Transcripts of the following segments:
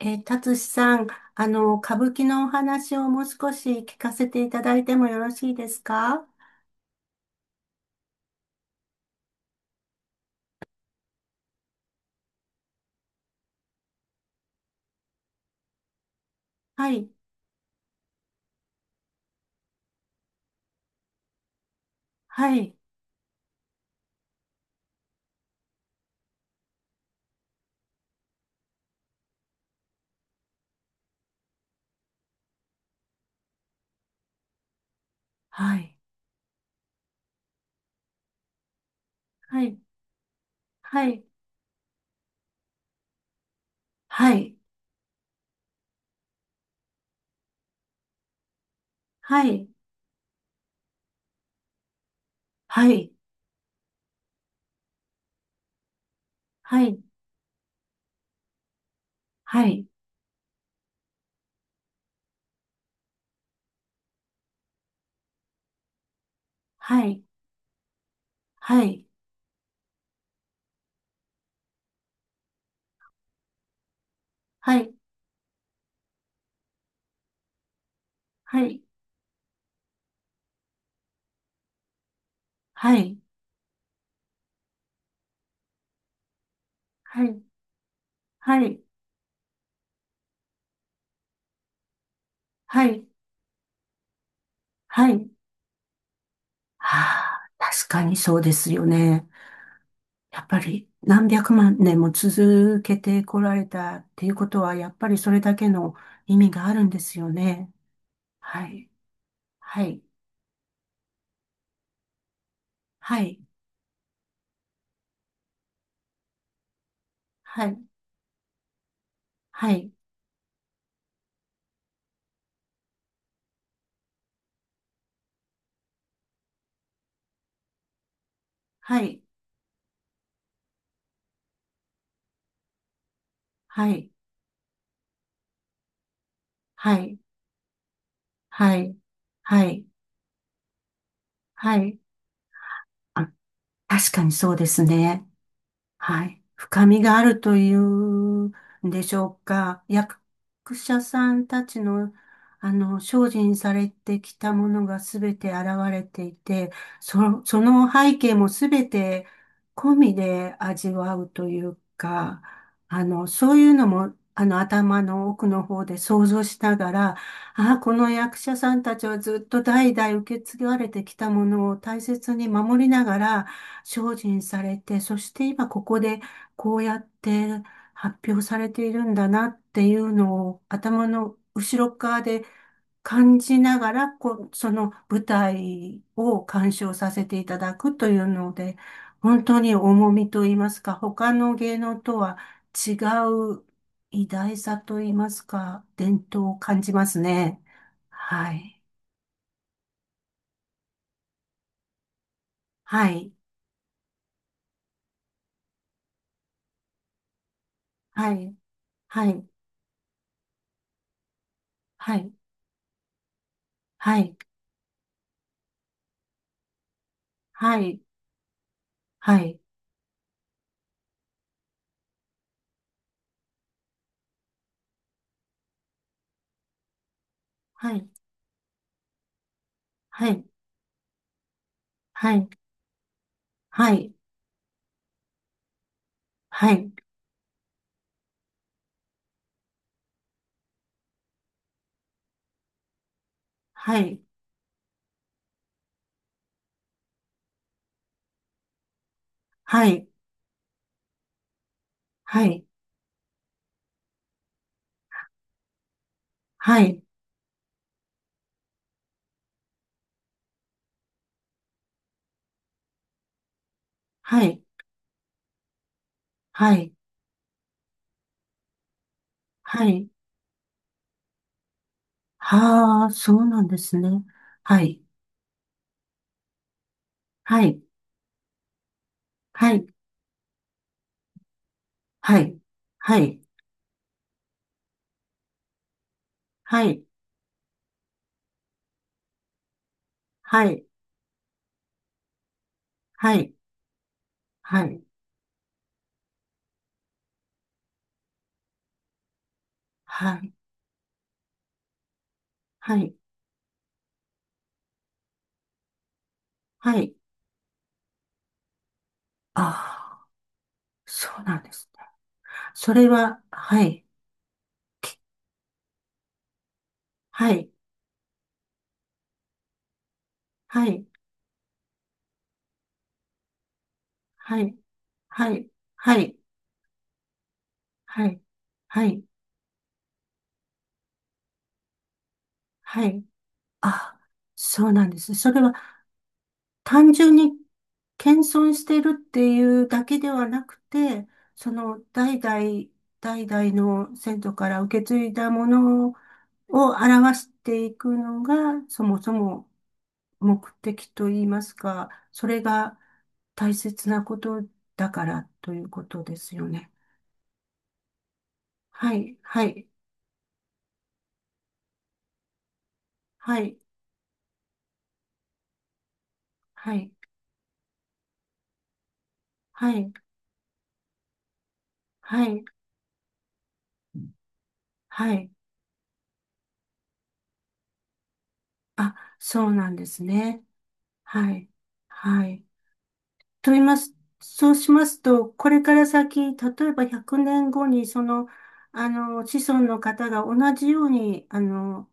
達志さん、歌舞伎のお話をもう少し聞かせていただいてもよろしいですか？はい、はい、はい、はい、はい、はい、はい、はい、はい、はい、はい、はい、はい、はい、はい、はい、はい、はい、はい。はあ、確かにそうですよね。やっぱり何百万年も続けてこられたっていうことは、やっぱりそれだけの意味があるんですよね。はい、はい、はい、はい、はい、はい、はい、はい、はい、はい、はい。あ、確かにそうですね。はい。深みがあるというんでしょうか。役者さんたちの、精進されてきたものがすべて現れていて、その背景もすべて込みで味わうというか、そういうのも、頭の奥の方で想像しながら、ああ、この役者さんたちはずっと代々受け継がれてきたものを大切に守りながら、精進されて、そして今ここでこうやって発表されているんだなっていうのを頭の後ろ側で感じながら、こう、その舞台を鑑賞させていただくというので、本当に重みと言いますか、他の芸能とは違う偉大さと言いますか、伝統を感じますね。はい。はい。はい。はい。はい。はい。はい。はい。はい、はい、はい、はい、はい、はい、はい、はい、はい、はい、はい、はい、はあ、そうなんですね。はい、はい、はい、はい、はい、はい、はい、はい、はい、はい、はい、はい、ああ、そうなんですね。それは、はい、はい、はい、はい、はい、はい、はい、はい、はい、ああ、そうなんですね。それは、単純に謙遜してるっていうだけではなくて、その代々の先祖から受け継いだものを表していくのが、そもそも目的といいますか、それが大切なことだからということですよね。はい、はい、はい、はい、はい、はい、はい。あ、そうなんですね。はい、はい。と言います。そうしますと、これから先、例えば100年後に、子孫の方が同じように、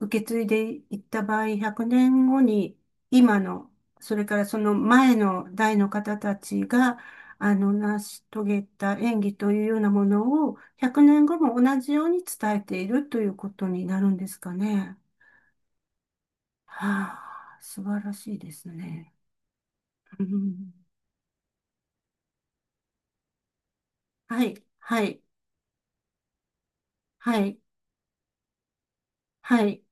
受け継いでいった場合、100年後に、今の、それからその前の代の方たちが、成し遂げた演技というようなものを、100年後も同じように伝えているということになるんですかね？はあ、素晴らしいですね。うん、はい、はい、はい、はい。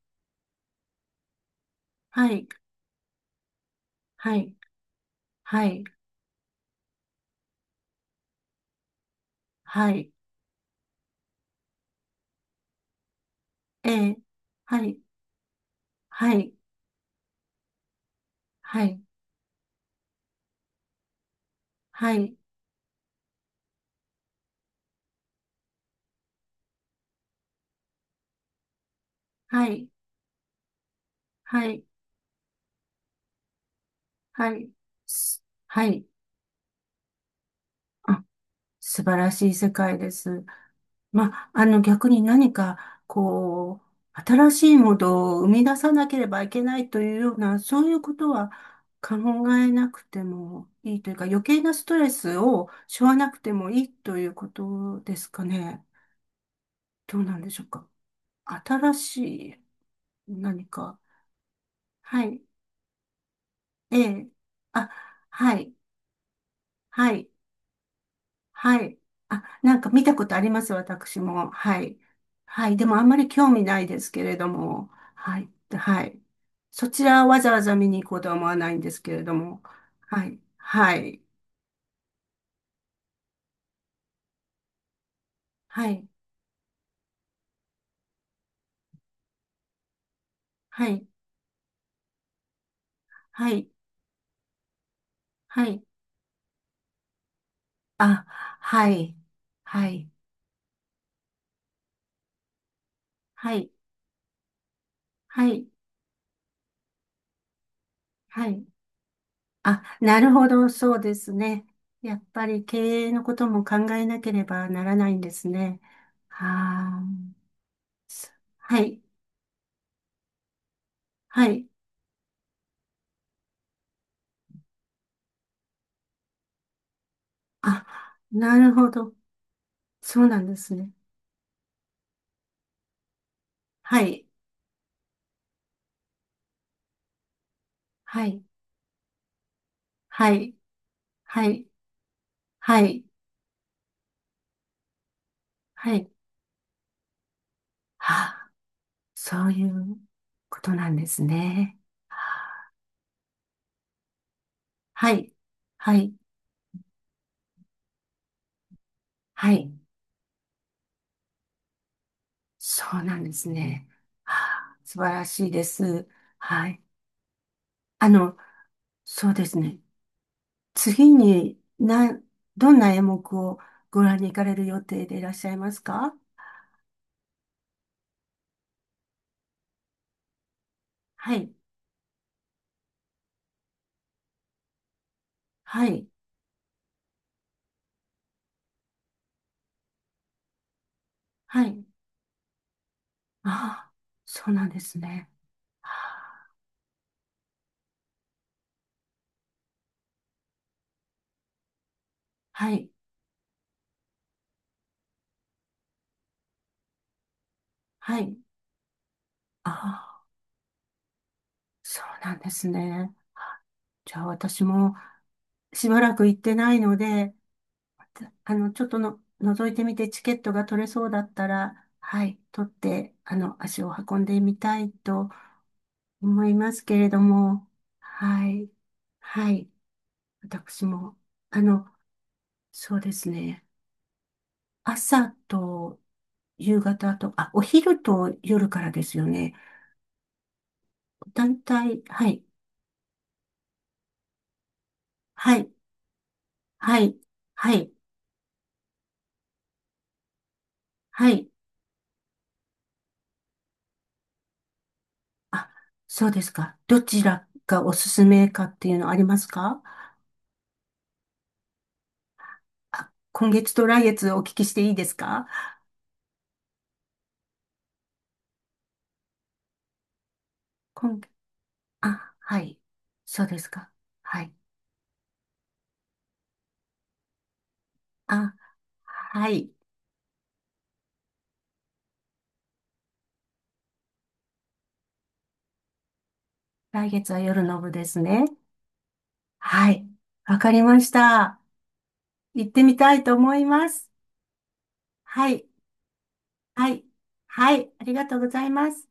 はい、はい、はい、はい、えー、はい、はい、はい、はい、はい、はい、はい、すはい、あ、素晴らしい世界です。まあ、逆に何か、新しいものを生み出さなければいけないというような、そういうことは考えなくてもいいというか、余計なストレスを背負わなくてもいいということですかね？どうなんでしょうか。新しい何か。はい。ええ。あ、はい。はい。はい。あ、なんか見たことあります、私も。はい。はい。でもあんまり興味ないですけれども。はい。はい。そちらはわざわざ見に行こうとは思わないんですけれども。はい。はい。はい。はい。はい。はい。あ、はい。はい。はい。はい。はい。あ、なるほど、そうですね。やっぱり経営のことも考えなければならないんですね。はあ、はい、はい。あ、なるほど。そうなんですね。はい、はい、はい、はい、はい、はい。はあ、そういうことなんですね。はあ、はい、はい、はい。そうなんですね。はあ、素晴らしいです。はい。あの、そうですね。次に、どんな演目をご覧に行かれる予定でいらっしゃいますか？はい、はい、はい。ああ、そうなんですね。ああ、はい、はい。ああ、そうなんですね。あ、じゃあ私もしばらく行ってないので、ちょっとの、覗いてみてチケットが取れそうだったら、はい、取って、足を運んでみたいと思いますけれども、はい、はい。私も、あの、そうですね。朝と夕方と、あ、お昼と夜からですよね。団体、はい、はい、はい、はい、はい。あ、そうですか。どちらがおすすめかっていうのありますか？あ、今月と来月お聞きしていいですか？今、あ、はい。そうですか。はい。あ、はい。来月は夜の部ですね。はい。わかりました。行ってみたいと思います。はい、はい、はい、ありがとうございます。